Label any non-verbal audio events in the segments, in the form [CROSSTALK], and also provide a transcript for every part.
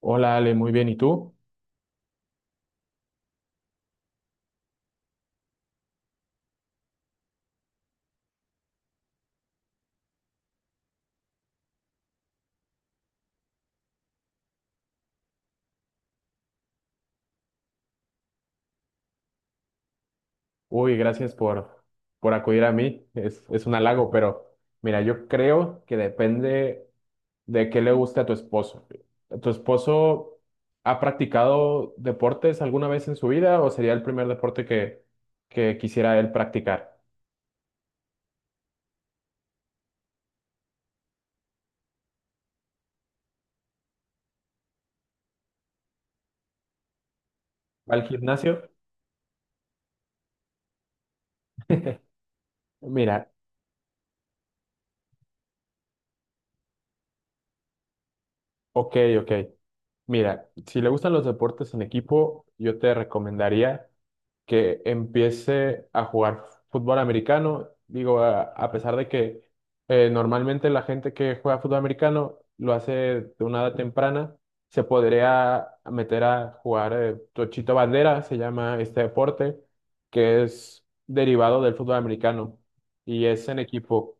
Hola Ale, muy bien. ¿Y tú? Uy, gracias por acudir a mí. Es un halago, pero mira, yo creo que depende de qué le guste a tu esposo. ¿Tu esposo ha practicado deportes alguna vez en su vida o sería el primer deporte que quisiera él practicar? ¿Va al gimnasio? Mira, Ok, ok. Mira, si le gustan los deportes en equipo, yo te recomendaría que empiece a jugar fútbol americano. Digo, a pesar de que normalmente la gente que juega fútbol americano lo hace de una edad temprana, se podría meter a jugar tochito bandera, se llama este deporte, que es derivado del fútbol americano y es en equipo.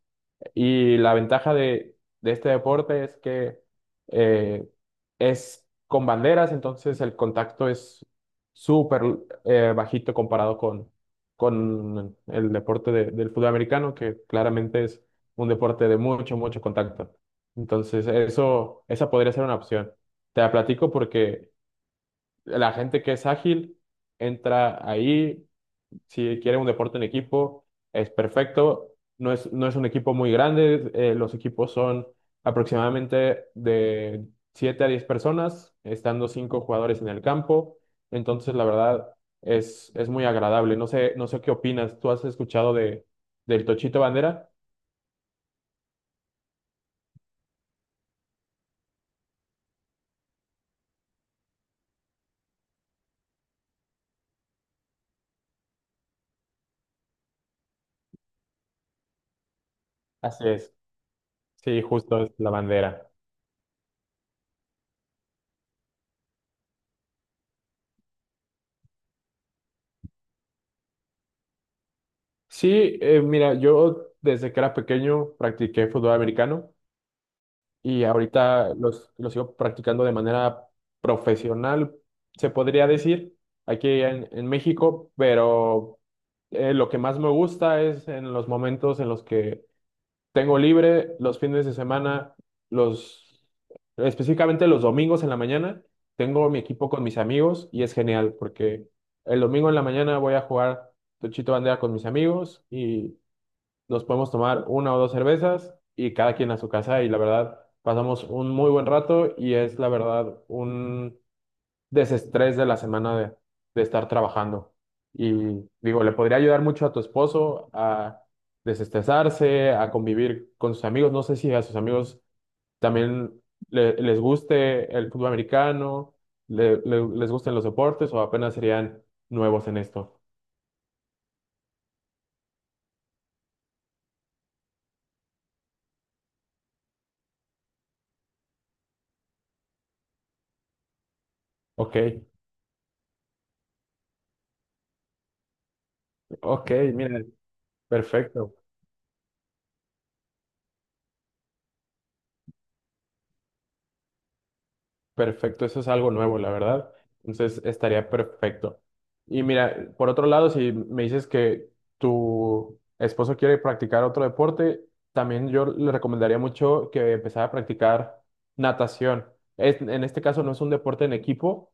Y la ventaja de este deporte es que eh, es con banderas, entonces el contacto es súper bajito comparado con el deporte del fútbol americano, que claramente es un deporte de mucho, mucho contacto. Entonces, esa podría ser una opción. Te la platico porque la gente que es ágil entra ahí si quieren un deporte en equipo, es perfecto. No es un equipo muy grande. Los equipos son aproximadamente de 7 a 10 personas, estando 5 jugadores en el campo. Entonces, la verdad, es muy agradable. No sé qué opinas. ¿Tú has escuchado del Tochito Bandera? Así es. Sí, justo es la bandera. Sí, mira, yo desde que era pequeño practiqué fútbol americano. Y ahorita los sigo practicando de manera profesional, se podría decir, aquí en México, pero lo que más me gusta es en los momentos en los que tengo libre, los fines de semana, los, específicamente los domingos en la mañana, tengo mi equipo con mis amigos y es genial porque el domingo en la mañana voy a jugar tochito bandera con mis amigos y nos podemos tomar una o dos cervezas y cada quien a su casa y la verdad pasamos un muy buen rato y es la verdad un desestrés de la semana de estar trabajando. Y digo, le podría ayudar mucho a tu esposo a desestresarse, a convivir con sus amigos. No sé si a sus amigos también les guste el fútbol americano, les gusten los deportes o apenas serían nuevos en esto. Ok, ok, mira, perfecto. Perfecto, eso es algo nuevo, la verdad. Entonces estaría perfecto. Y mira, por otro lado, si me dices que tu esposo quiere practicar otro deporte, también yo le recomendaría mucho que empezara a practicar natación. En este caso no es un deporte en equipo,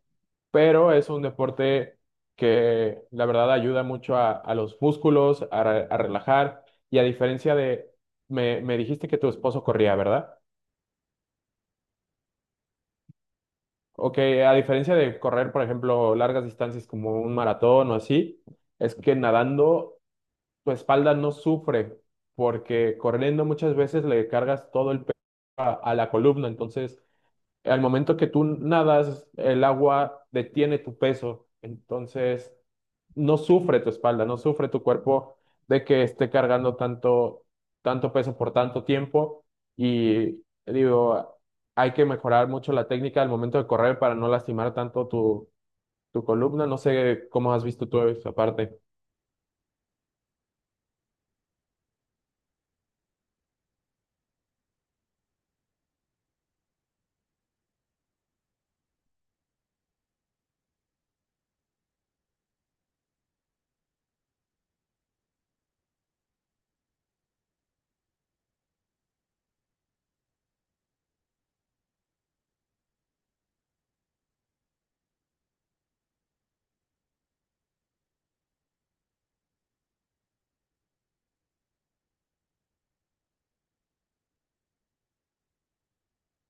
pero es un deporte que la verdad ayuda mucho a los músculos, a relajar. Y a diferencia me dijiste que tu esposo corría, ¿verdad? Ok, a diferencia de correr, por ejemplo, largas distancias como un maratón o así, es que nadando tu espalda no sufre, porque corriendo muchas veces le cargas todo el peso a la columna, entonces al momento que tú nadas, el agua detiene tu peso, entonces no sufre tu espalda, no sufre tu cuerpo de que esté cargando tanto, tanto peso por tanto tiempo. Y digo, hay que mejorar mucho la técnica al momento de correr para no lastimar tanto tu columna. No sé cómo has visto tú esa parte.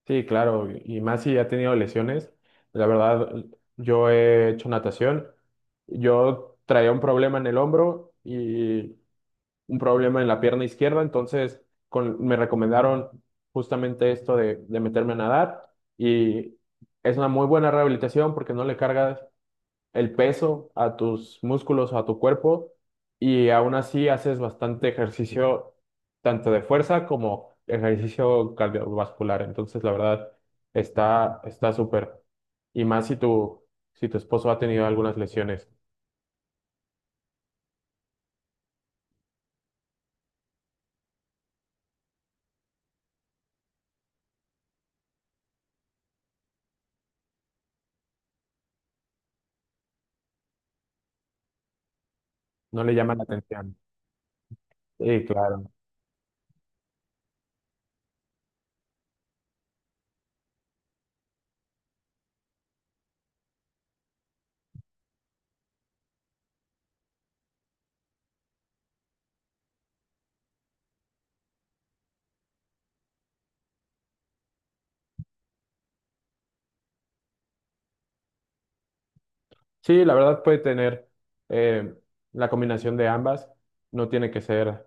Sí, claro, y más si ha tenido lesiones. La verdad, yo he hecho natación. Yo traía un problema en el hombro y un problema en la pierna izquierda, entonces me recomendaron justamente esto de meterme a nadar y es una muy buena rehabilitación porque no le cargas el peso a tus músculos, o a tu cuerpo, y aún así haces bastante ejercicio, tanto de fuerza como ejercicio cardiovascular. Entonces, la verdad, está súper. Y más si si tu esposo ha tenido algunas lesiones, no le llama la atención. Sí, claro. Sí, la verdad puede tener eh, la combinación de ambas. No tiene que ser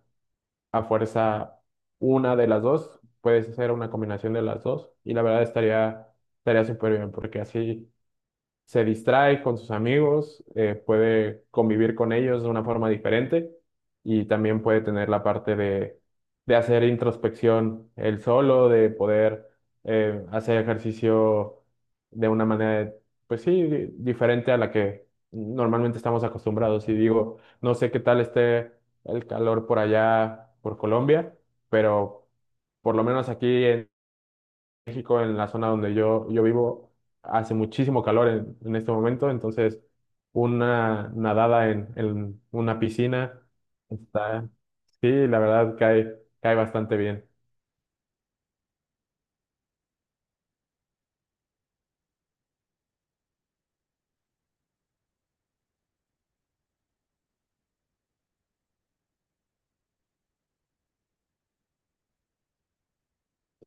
a fuerza una de las dos, puedes hacer una combinación de las dos y la verdad estaría súper bien porque así se distrae con sus amigos, puede convivir con ellos de una forma diferente y también puede tener la parte de hacer introspección él solo, de poder hacer ejercicio de una manera, pues sí, diferente a la que normalmente estamos acostumbrados. Y digo, no sé qué tal esté el calor por allá, por Colombia, pero por lo menos aquí México, en la zona donde yo vivo, hace muchísimo calor en este momento, entonces una nadada en una piscina está, sí, la verdad cae bastante bien.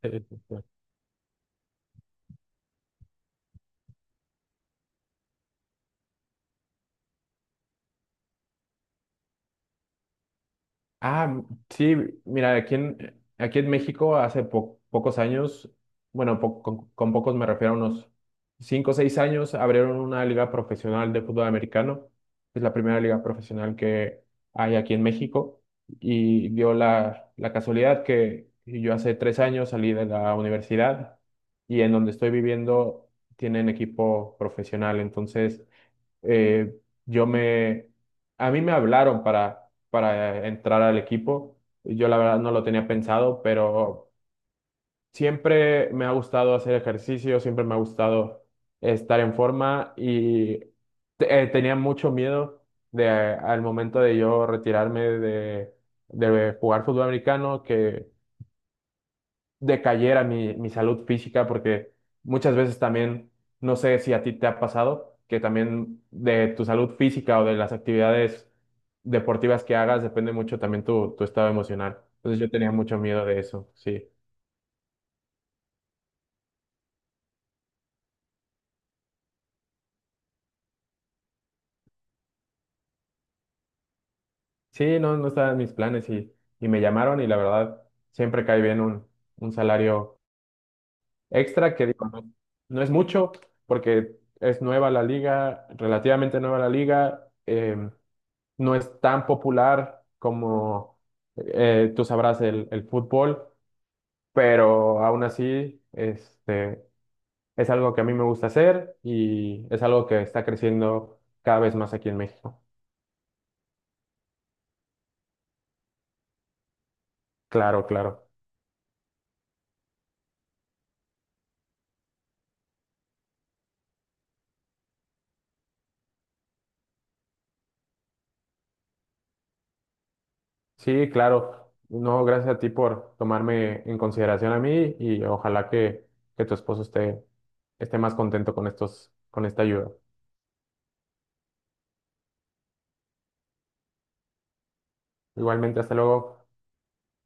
[LAUGHS] Ah, sí, mira, aquí aquí en México hace pocos años, bueno, con pocos me refiero a unos 5 o 6 años, abrieron una liga profesional de fútbol americano. Es la primera liga profesional que hay aquí en México y dio la casualidad que yo hace 3 años salí de la universidad y en donde estoy viviendo tienen equipo profesional, entonces eh, yo me, a mí me hablaron para entrar al equipo. Yo la verdad no lo tenía pensado, pero siempre me ha gustado hacer ejercicio, siempre me ha gustado estar en forma y tenía mucho miedo de al momento de yo retirarme de jugar fútbol americano, que decayera mi salud física, porque muchas veces también, no sé si a ti te ha pasado, que también de tu salud física o de las actividades deportivas que hagas depende mucho también tu estado emocional. Entonces yo tenía mucho miedo de eso, sí. Sí, no, no estaban mis planes y me llamaron y la verdad siempre cae bien un salario extra que digo, no, no es mucho porque es nueva la liga, relativamente nueva la liga. No es tan popular como tú sabrás el fútbol, pero aún así es algo que a mí me gusta hacer y es algo que está creciendo cada vez más aquí en México. Claro, claro. Sí, claro. No, gracias a ti por tomarme en consideración a mí y ojalá que tu esposo esté más contento con con esta ayuda. Igualmente, hasta luego.